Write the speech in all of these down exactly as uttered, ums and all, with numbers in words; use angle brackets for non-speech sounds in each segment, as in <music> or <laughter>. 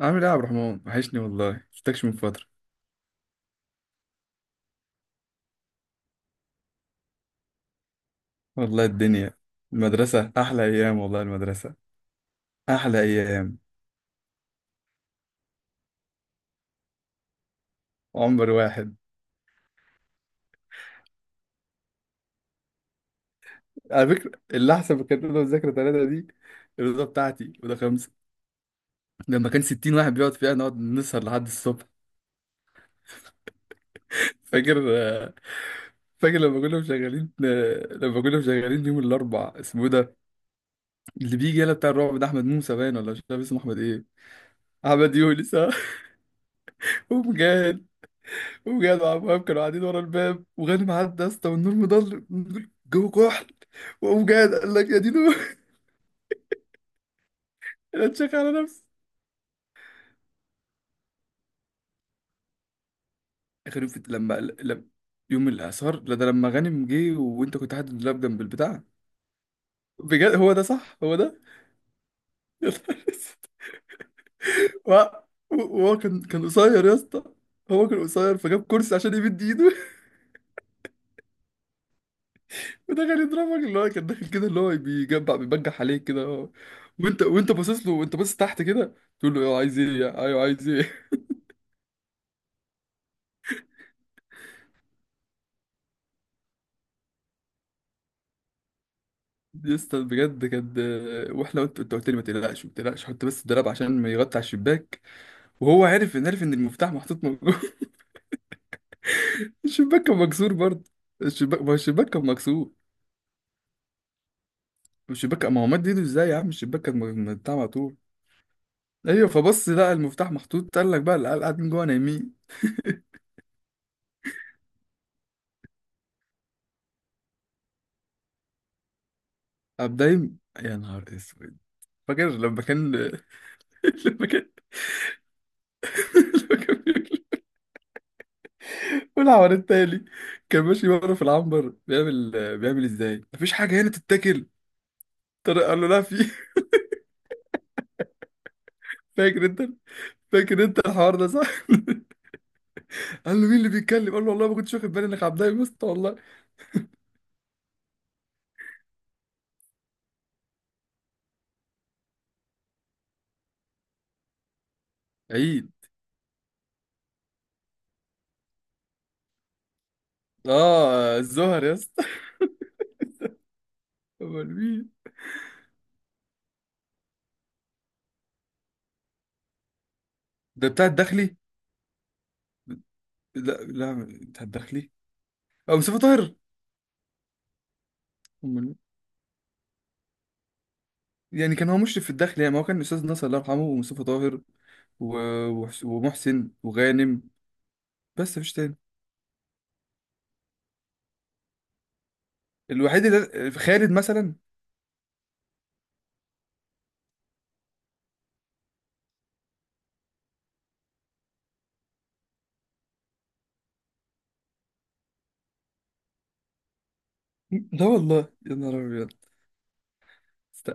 عامل ايه يا عبد الرحمن، وحشني والله، شفتكش من فترة. والله الدنيا، المدرسة أحلى أيام والله، المدرسة أحلى أيام عمر واحد. على فكرة اللي أحسن في الكانتين والذاكرة ثلاثة دي الرضا بتاعتي، وده خمسة لما كان ستين واحد بيقعد فيها نقعد نسهر لحد الصبح. <laughs> فاكر، فاكر لما كنا مشغلين لما كنا مشغلين يوم الأربع اسمه إيه ده، اللي بيجي يلا بتاع الرعب ده، أحمد موسى باين، ولا مش عارف اسمه أحمد إيه. أحمد يونس ها؟ ومجاهد وجدع وهاب كانوا قاعدين ورا الباب، وغانم عدى يا اسطى والنور مضل بنقول جوه كحل، وقام جاد قال لك يا دينو. <laughs> انا اتشك على نفسي. غانم في لما لما يوم الاعصار، لا ده لما غانم جه وانت كنت قاعد اللاب جنب البتاع. بجد هو ده صح، هو ده. <laughs> يا نهار اسود. وه- وهو كان كان قصير يا اسطى. هو كان قصير فجاب كرسي عشان يمد ايده. <laughs> ودخل يضربك، اللي هو كان داخل كده، اللي هو بيجبع بيبجح عليك كده. وانت وانت باصص له، وانت باصص تحت كده تقول له ايوه عايز ايه، ايوه عايز ايه. يسطا بجد كانت، واحنا قلت، انت قلت لي ما تقلقش ما تقلقش حط بس الدراب عشان ما يغطي على الشباك، وهو عارف ان، عارف ان المفتاح محطوط موجود. <laughs> الشباك كان مكسور برضه. الشباك، ما هو الشباك كان مكسور. الشباك، ما هو مد ايده ازاي يا عم، الشباك كان م- بتاع على طول. ايوه فبص لقى المفتاح محطوط، قال لك بقى العيال قاعدين جوه نايمين. قام دايم يا نهار اسود. فاكر لما كان، <laughs> لما كان، <laughs> لما كان بيقول- والعوار التالي <laughs> كان ماشي بره في العنبر بيعمل، بيعمل ازاي مفيش حاجه هنا تتاكل. طارق قال له لا في. فاكر انت، فاكر انت الحوار ده صح؟ <laughs> قال له مين اللي بيتكلم؟ قال له والله ما كنتش واخد بالي انك عبد الله يا اسطى والله. عيد. اه الزهر يا اسطى. <laughs> امال مين؟ ده بتاع الداخلي؟ لا لا بتاع الداخلي. اه مصطفى طاهر. امال مين؟ يعني كان هو مشرف في الداخلي يعني، ما هو كان الاستاذ ناصر الله يرحمه، ومصطفى طاهر و- وحس- ومحسن وغانم. بس مفيش تاني. الوحيد اللي خالد مثلا. لا والله يا نهار ابيض. است-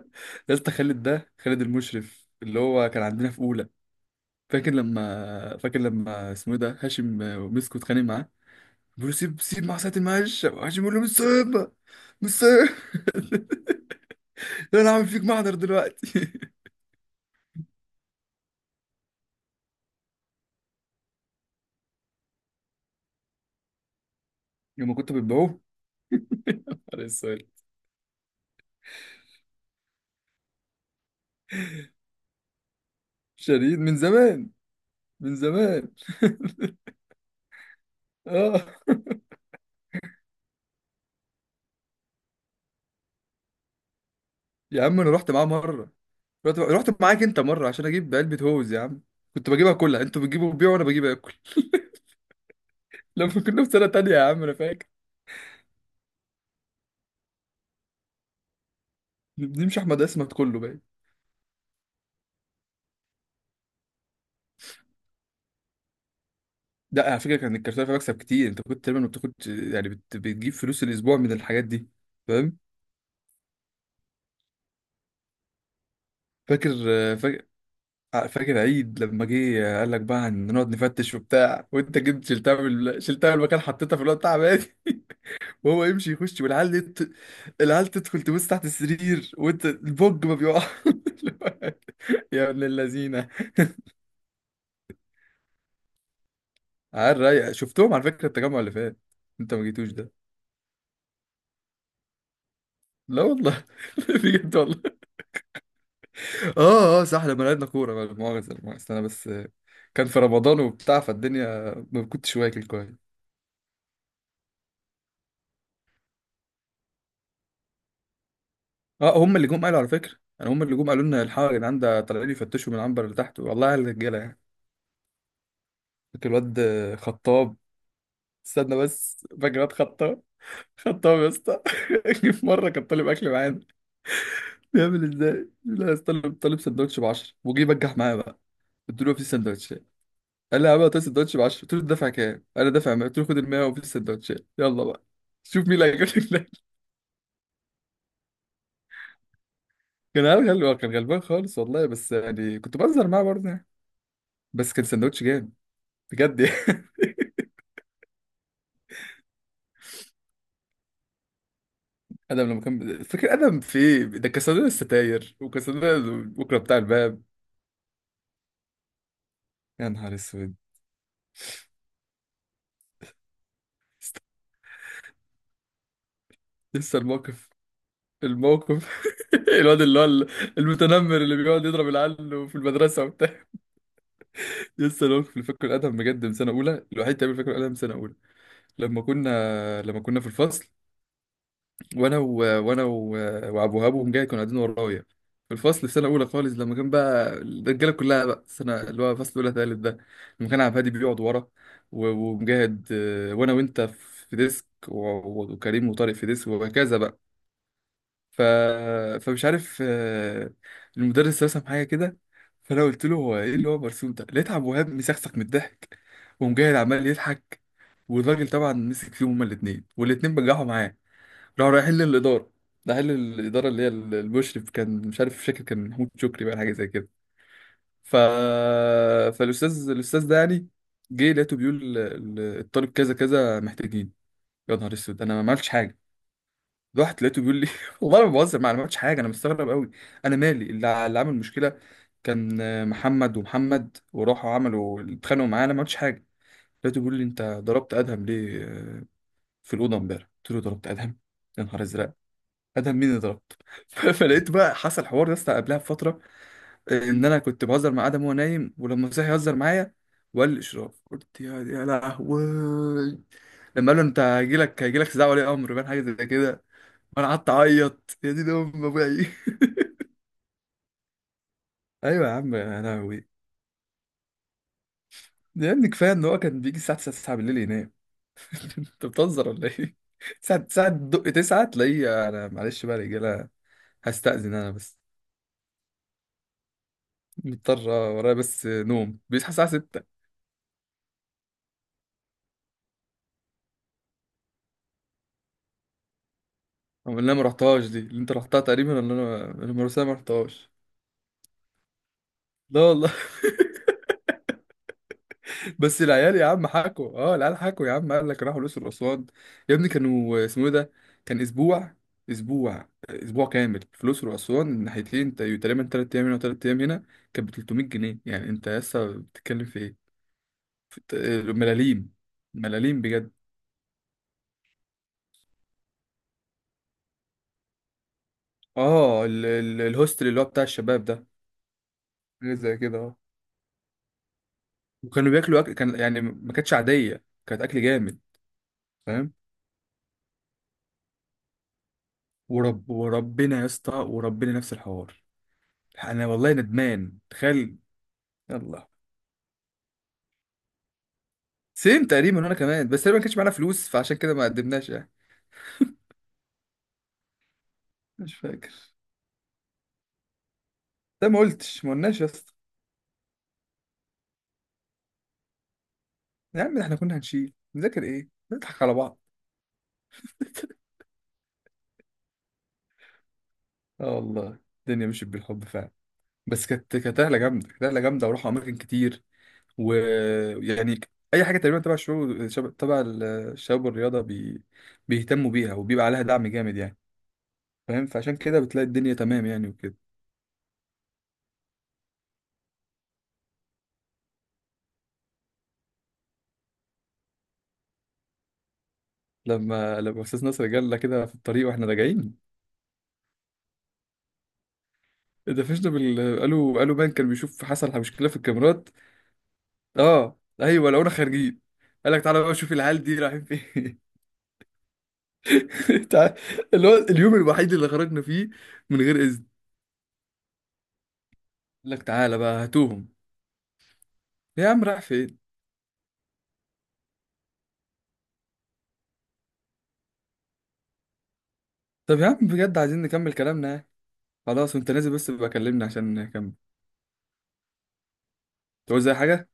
يا اسطى خالد ده، خالد المشرف اللي هو كان عندنا في اولى. فاكر لما فاكر لما اسمه إيه ده، هاشم ومسكوا اتخانق معاه. بيقول له سيب، سيب مع ساعة المعاش، هاشم بيقول له مش سايبها، مش سايبها. <laughs> انا عامل فيك محضر دلوقتي. <laughs> لما كنت بتبيعوه على السؤال شديد من زمان، من زمان. اه يا عم انا رحت معاه مرة. رحت رحت معاك انت مرة عشان اجيب علبة هوز يا عم. كنت بجيبها كلها، انتوا بتجيبوا وبيعوا وانا بجيب اكل. <laughs> لما كنا في سنة تانية يا عم انا فاكر. نمشي احمد اسمت كله بقى. لا على فكره كان الكارتوفه بكسب كتير، انت كنت تقريبا بتاخد يعني، بت... بتجيب فلوس الاسبوع من الحاجات دي. فاهم. فاكر، فاكر، فاكر عيد لما جه قال لك بقى هنقعد نفتش وبتاع، وانت جبت شلتها من ال- شلتها من المكان حطيتها في الوقت بتاع عماد. <laughs> وهو يمشي يخش والعيال دي ت... العيال تدخل تبص تحت السرير، وانت البوج ما بيقع. <laughs> يا ابن اللذينه. عيال رايقه، شفتهم على فكره التجمع اللي فات، انت ما جيتوش ده. لا والله. <laughs> بجد والله. اه اه صح، لما لعبنا كورة بقى، لا مؤاخذة لا مؤاخذة، أنا بس آه، كان في رمضان وبتاع فالدنيا ما كنتش واكل كويس. اه هم اللي جم قالوا على فكرة، يعني هم اللي جم قالوا لنا الحق يا جدعان، ده طالعين يفتشوا من العنبر اللي تحت، والله على الرجالة يعني. فاكر الواد آه، خطاب. استنى بس، فاكر الواد خطاب، خطاب يا اسطى. <laughs> جه في مرة كان طالب أكل معانا. بيعمل ازاي؟ لا يا اسطى، طالب طالب سندوتش ب عشرة، وجه بجح معايا بقى. قلت له في سندوتش، قال لي هبقى السندوتش ب عشرة. قلت له دافع كام؟ قال لي دافع مية. قلت له خد ال مية وفي السندوتشات يلا بقى، شوف مين اللي هيجيب لك ده. <laughs> كان هبل، هو كان غلبان خالص والله، بس يعني كنت بهزر معاه برضه يعني. بس كان سندوتش جامد بجد يعني. <laughs> ادم لما كان، فاكر ادم في ايه ده، كان صندوق الستاير وكان صندوق البكره بتاع الباب. يا نهار اسود. لسه الموقف، الموقف، <laughs> الواد اللي هو المتنمر اللي بيقعد يضرب العيال في المدرسه وبتاع. <laughs> لسه الموقف اللي فاكره الادم بجد من سنه اولى، الوحيد تقريبا اللي فاكره الادم من سنه اولى. لما كنا لما كنا في الفصل، وانا و... وانا و... وابو وهاب، وهم جاي كانوا قاعدين ورايا في الفصل في سنه اولى خالص، لما كان بقى الرجاله كلها بقى، السنه اللي هو فصل اولى ثالث ده، لما كان عبد الهادي بيقعد ورا، و... ومجاهد آه، وانا وانت في ديسك، و... و- وكريم وطارق في ديسك، وهكذا بقى. ف... فمش عارف، آه، المدرس رسم حاجه كده، فانا قلت له هو ايه اللي هو مرسوم ده، لقيت عبد الوهاب مسخسخ من الضحك، ومجاهد عمال يضحك، والراجل طبعا مسك فيهم هما الاثنين، والاثنين بجحوا معاه. لو رايحين للإدارة، رايحين للإدارة اللي هي المشرف، كان مش عارف فاكر، كان محمود شكري بقى حاجة زي كده. ف... فالأستاذ الأستاذ ده يعني، جه لقيته بيقول ال- ال- الطالب كذا كذا محتاجين. يا نهار اسود، انا ما عملتش حاجه. رحت لقيته بيقول لي، <laughs> والله ما بهزر معاه، انا ما عملتش حاجه، انا مستغرب قوي. انا مالي، اللي ع- اللي عمل مشكله كان محمد ومحمد، وراحوا عملوا اتخانقوا معاه، انا ما عملتش حاجه. لقيته بيقول لي انت ضربت ادهم ليه في الاوضه امبارح، قلت له ضربت ادهم؟ يا نهار ازرق، ادهم مين اللي ضربته. <laughs> فلقيت بقى حصل حوار يا اسطى قبلها بفتره، ان انا كنت بهزر مع ادم وهو نايم، ولما صحي يهزر معايا، وقال لي اشرف. قلت يا يا لهوي. لما قال له انت هيجيلك هيجيلك استدعاء ولي امر بان حاجه زي كده، وانا قعدت اعيط يا دي ام ابويا. <laughs> ايوه يا عم يا لهوي. ده يا ابني كفايه ان هو كان بيجي الساعه تسعة، تسعة بالليل ينام. <laughs> انت بتهزر ولا ايه؟ ساعه ساعه تدق تسعة تلاقيه، انا معلش بقى يا رجاله، هستأذن انا بس، مضطر ورايا بس نوم، بيصحى الساعه ستة. أو اللي انا ما رحتهاش دي، اللي انت رحتها تقريبا، اللي انا المرسيه ما رحتهاش. لا والله. <laughs> بس العيال يا عم حكوا، اه العيال حكوا يا عم، قال لك راحوا الاقصر واسوان. يا ابني كانوا اسمه ايه ده، كان اسبوع، اسبوع اسبوع كامل في الاقصر واسوان الناحيتين، ت- تقريبا ثلاث ايام هنا وثلاث ايام هنا. كانت ب تلتمية جنيه، يعني انت لسه بتتكلم في ايه، في الت- ملاليم، ملاليم بجد. اه ال- ال- الهوستل اللي هو بتاع الشباب ده، حاجه زي كده اه. وكانوا بياكلوا أكل كان يعني ما كانتش عاديه، كانت اكل جامد. فاهم. ورب وربنا يا اسطى، وربنا نفس الحوار. انا والله ندمان تخيل. يلا سيم تقريبا، وانا كمان بس تقريبا ما كانش معانا فلوس، فعشان كده ما قدمناش يعني. مش فاكر. ده ما قلتش، ما قلناش يا اسطى. يا عم احنا كنا هنشيل نذاكر ايه، نضحك على بعض. اه والله الدنيا مشيت بالحب فعلا. بس كانت، كانت رحله جامده، كانت رحله جامده، وروح اماكن كتير ويعني، اي حاجه تقريبا تبع الشغل، شب- تبع الشباب والرياضه بي... بيهتموا بيها، وبيبقى عليها دعم جامد يعني. فاهم، فعشان كده بتلاقي الدنيا تمام يعني وكده. لما لما استاذ ناصر جالنا كده في الطريق واحنا راجعين. اتقفشنا بال قالوا قالوا بان كان بيشوف حصل مشكله في الكاميرات. اه ايوه لقونا خارجين. قال لك تعالى بقى شوف العيال دي رايحين فين. <laughs> تع- اللي هو اليوم الوحيد اللي خرجنا فيه من غير اذن. قال لك تعالى بقى هاتوهم. يا عم راح فين. طب يا عم بجد عايزين نكمل كلامنا. خلاص وانت نازل بس بقى كلمني عشان نكمل. تقول زي حاجه.